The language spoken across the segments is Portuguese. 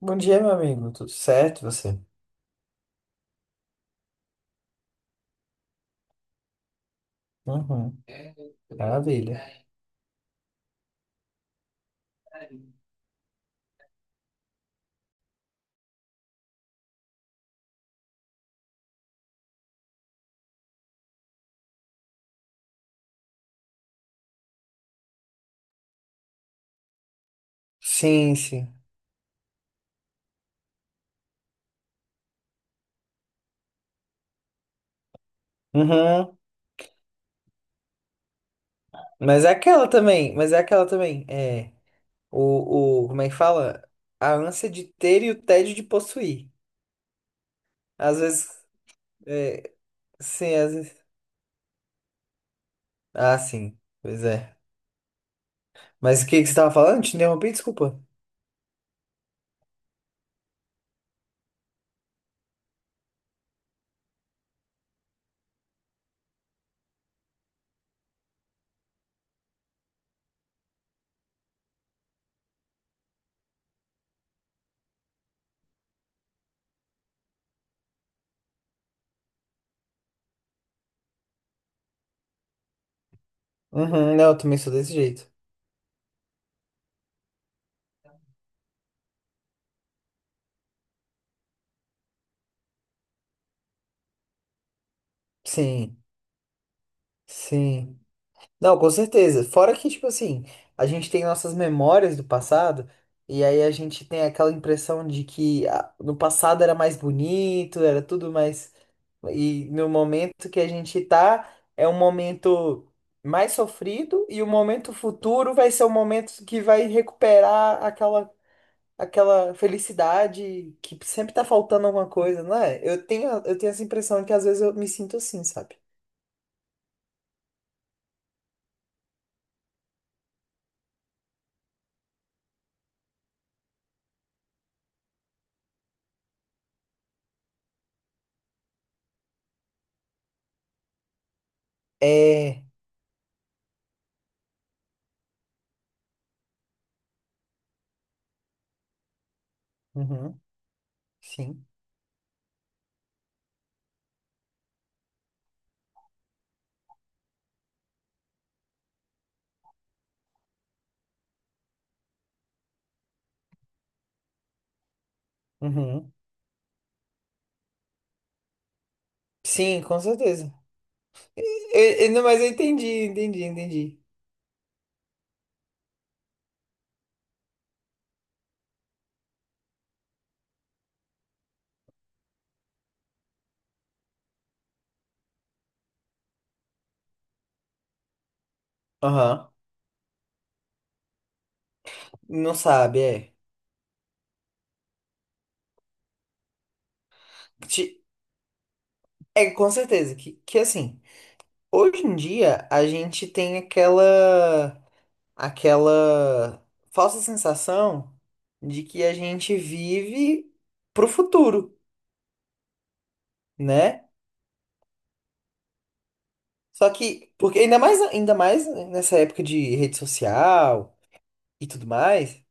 Bom dia, meu amigo. Tudo certo, você? Uhum. Maravilha. Sim, sim. Uhum. Mas é aquela também. É, como é que fala? A ânsia de ter e o tédio de possuir. Às vezes, é, sim, às vezes. Ah, sim, pois é. Mas o que que você tava falando? Te interrompi, desculpa. Uhum, não, eu também sou desse jeito. Sim, sim. Não, com certeza. Fora que, tipo assim, a gente tem nossas memórias do passado, e aí a gente tem aquela impressão de que ah, no passado era mais bonito, era tudo mais. E no momento que a gente tá, é um momento mais sofrido, e o momento futuro vai ser o momento que vai recuperar aquela, aquela felicidade que sempre tá faltando alguma coisa, não é? Eu tenho essa impressão que às vezes eu me sinto assim, sabe? É. Uhum, sim. Uhum. Sim, com certeza. E- não, mas eu entendi, entendi. Aham. Não sabe, é. Ti- É, com certeza. Que assim, hoje em dia a gente tem aquela, aquela falsa sensação de que a gente vive pro futuro, né? Só que, porque ainda mais nessa época de rede social e tudo mais.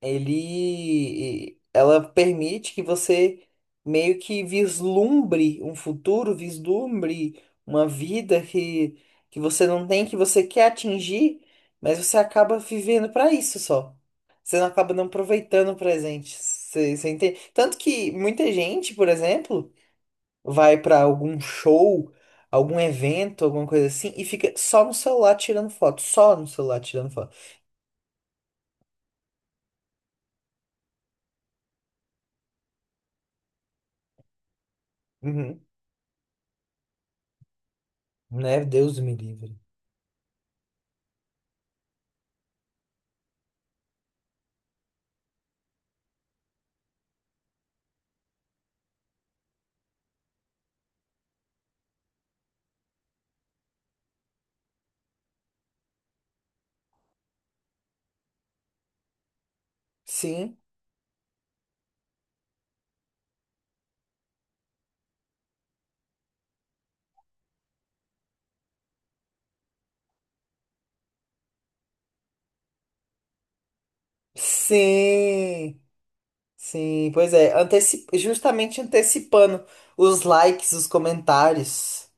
Ele ela permite que você meio que vislumbre um futuro, vislumbre uma vida que você não tem, que você quer atingir, mas você acaba vivendo para isso só. Você acaba não aproveitando o presente. Você entende? Tanto que muita gente, por exemplo, vai para algum show, algum evento, alguma coisa assim, e fica só no celular tirando foto, só no celular tirando foto. Uhum. Né? Deus me livre. Sim. Sim, sim, pois é, justamente antecipando os likes, os comentários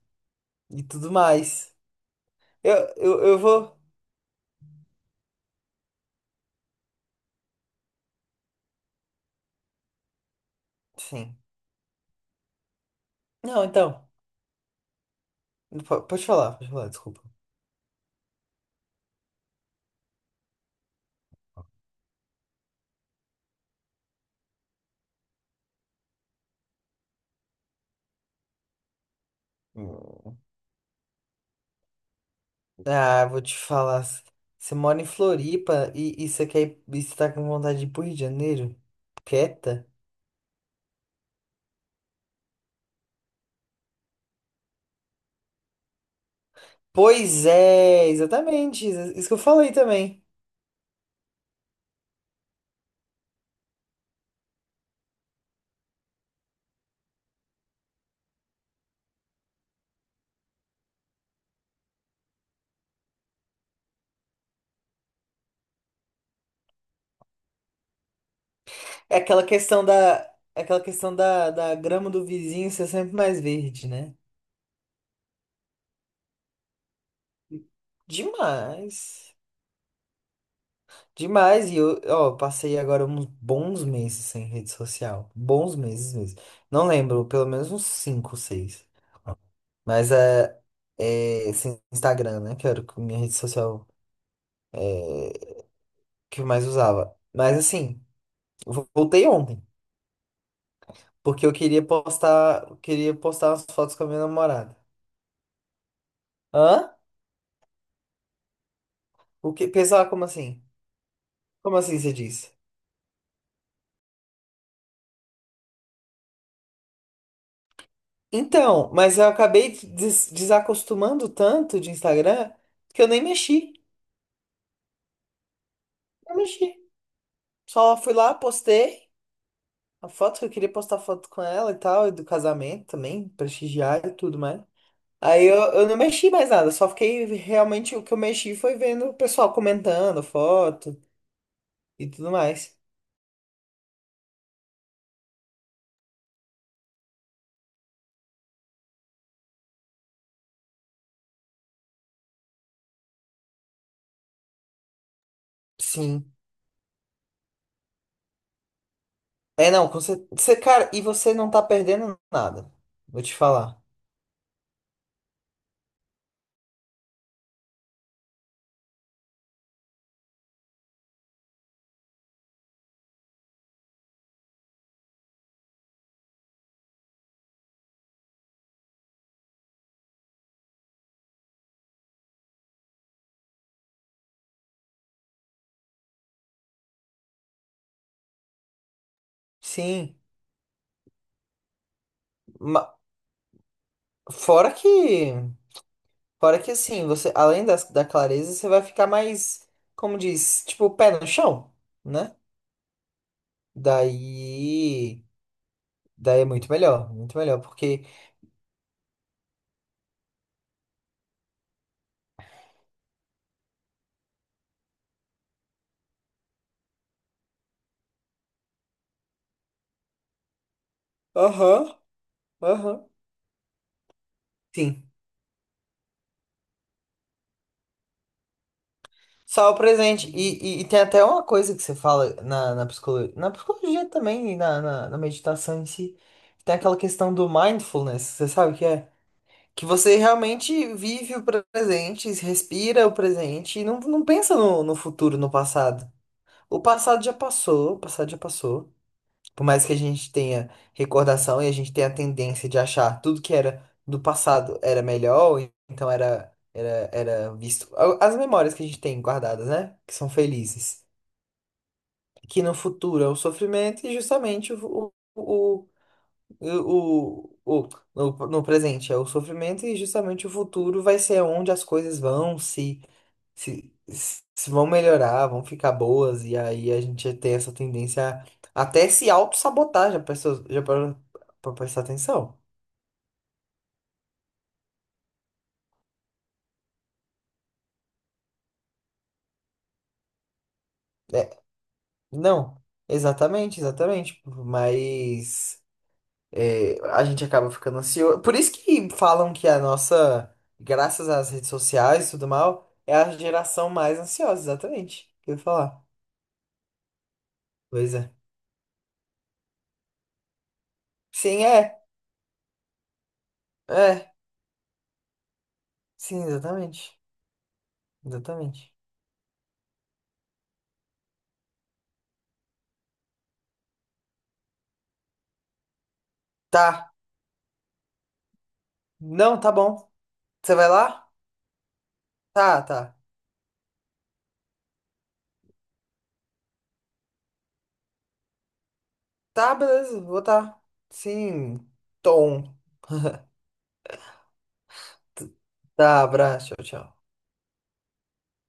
e tudo mais. Eu vou. Sim. Não, então. Pode falar, desculpa. Ah, vou te falar. Você mora em Floripa e você quer ir, e você tá com vontade de ir pro Rio de Janeiro? Quieta? Pois é, exatamente. Isso que eu falei também. É aquela questão da. Aquela questão da, da grama do vizinho ser sempre mais verde, né? Demais. Demais. E eu, ó, passei agora uns bons meses sem rede social. Bons meses mesmo. Não lembro, pelo menos uns 5, 6. Mas é, é sem Instagram, né? Que era o que- minha rede social que eu mais usava. Mas assim, eu voltei ontem. Porque eu queria postar umas fotos com a minha namorada. Hã? O que, pessoal, como assim? Como assim você disse? Então, mas eu acabei desacostumando tanto de Instagram que eu nem mexi. Não mexi. Só fui lá, postei a foto que eu queria postar foto com ela e tal, e do casamento também, prestigiar e tudo mais. Aí eu não mexi mais nada, só fiquei realmente o que eu mexi foi vendo o pessoal comentando foto e tudo mais. Sim. É, não, você, cara, e você não tá perdendo nada. Vou te falar. Sim. Ma- fora que, fora que assim, você além das, da clareza, você vai ficar mais, como diz, tipo, pé no chão, né? Daí. Daí é muito melhor, porque. Aham, aham. Sim. Só o presente. E tem até uma coisa que você fala na, na psicologia também, e na meditação em si. Tem aquela questão do mindfulness, você sabe o que é? Que você realmente vive o presente, respira o presente e não, não pensa no, no futuro, no passado. O passado já passou, o passado já passou. Por mais que a gente tenha recordação e a gente tenha a tendência de achar tudo que era do passado era melhor, então era visto. As memórias que a gente tem guardadas, né? Que são felizes. Que no futuro é o sofrimento e justamente o, o, o- no, no presente é o sofrimento e justamente o futuro vai ser onde as coisas vão se, se vão melhorar, vão ficar boas, e aí a gente tem essa tendência a até se auto-sabotar, já pensou, já parou pra prestar atenção? É, não, exatamente, exatamente, mas é, a gente acaba ficando ansioso, por isso que falam que a nossa, graças às redes sociais e tudo mal, é a geração mais ansiosa, exatamente, o que eu ia falar, pois é, sim, é, é, sim, exatamente, exatamente, tá, não, tá bom, você vai lá? Tá, tá. Tá, beleza. Vou tá. Sim. Tom. Tá, abraço. Tchau, tchau.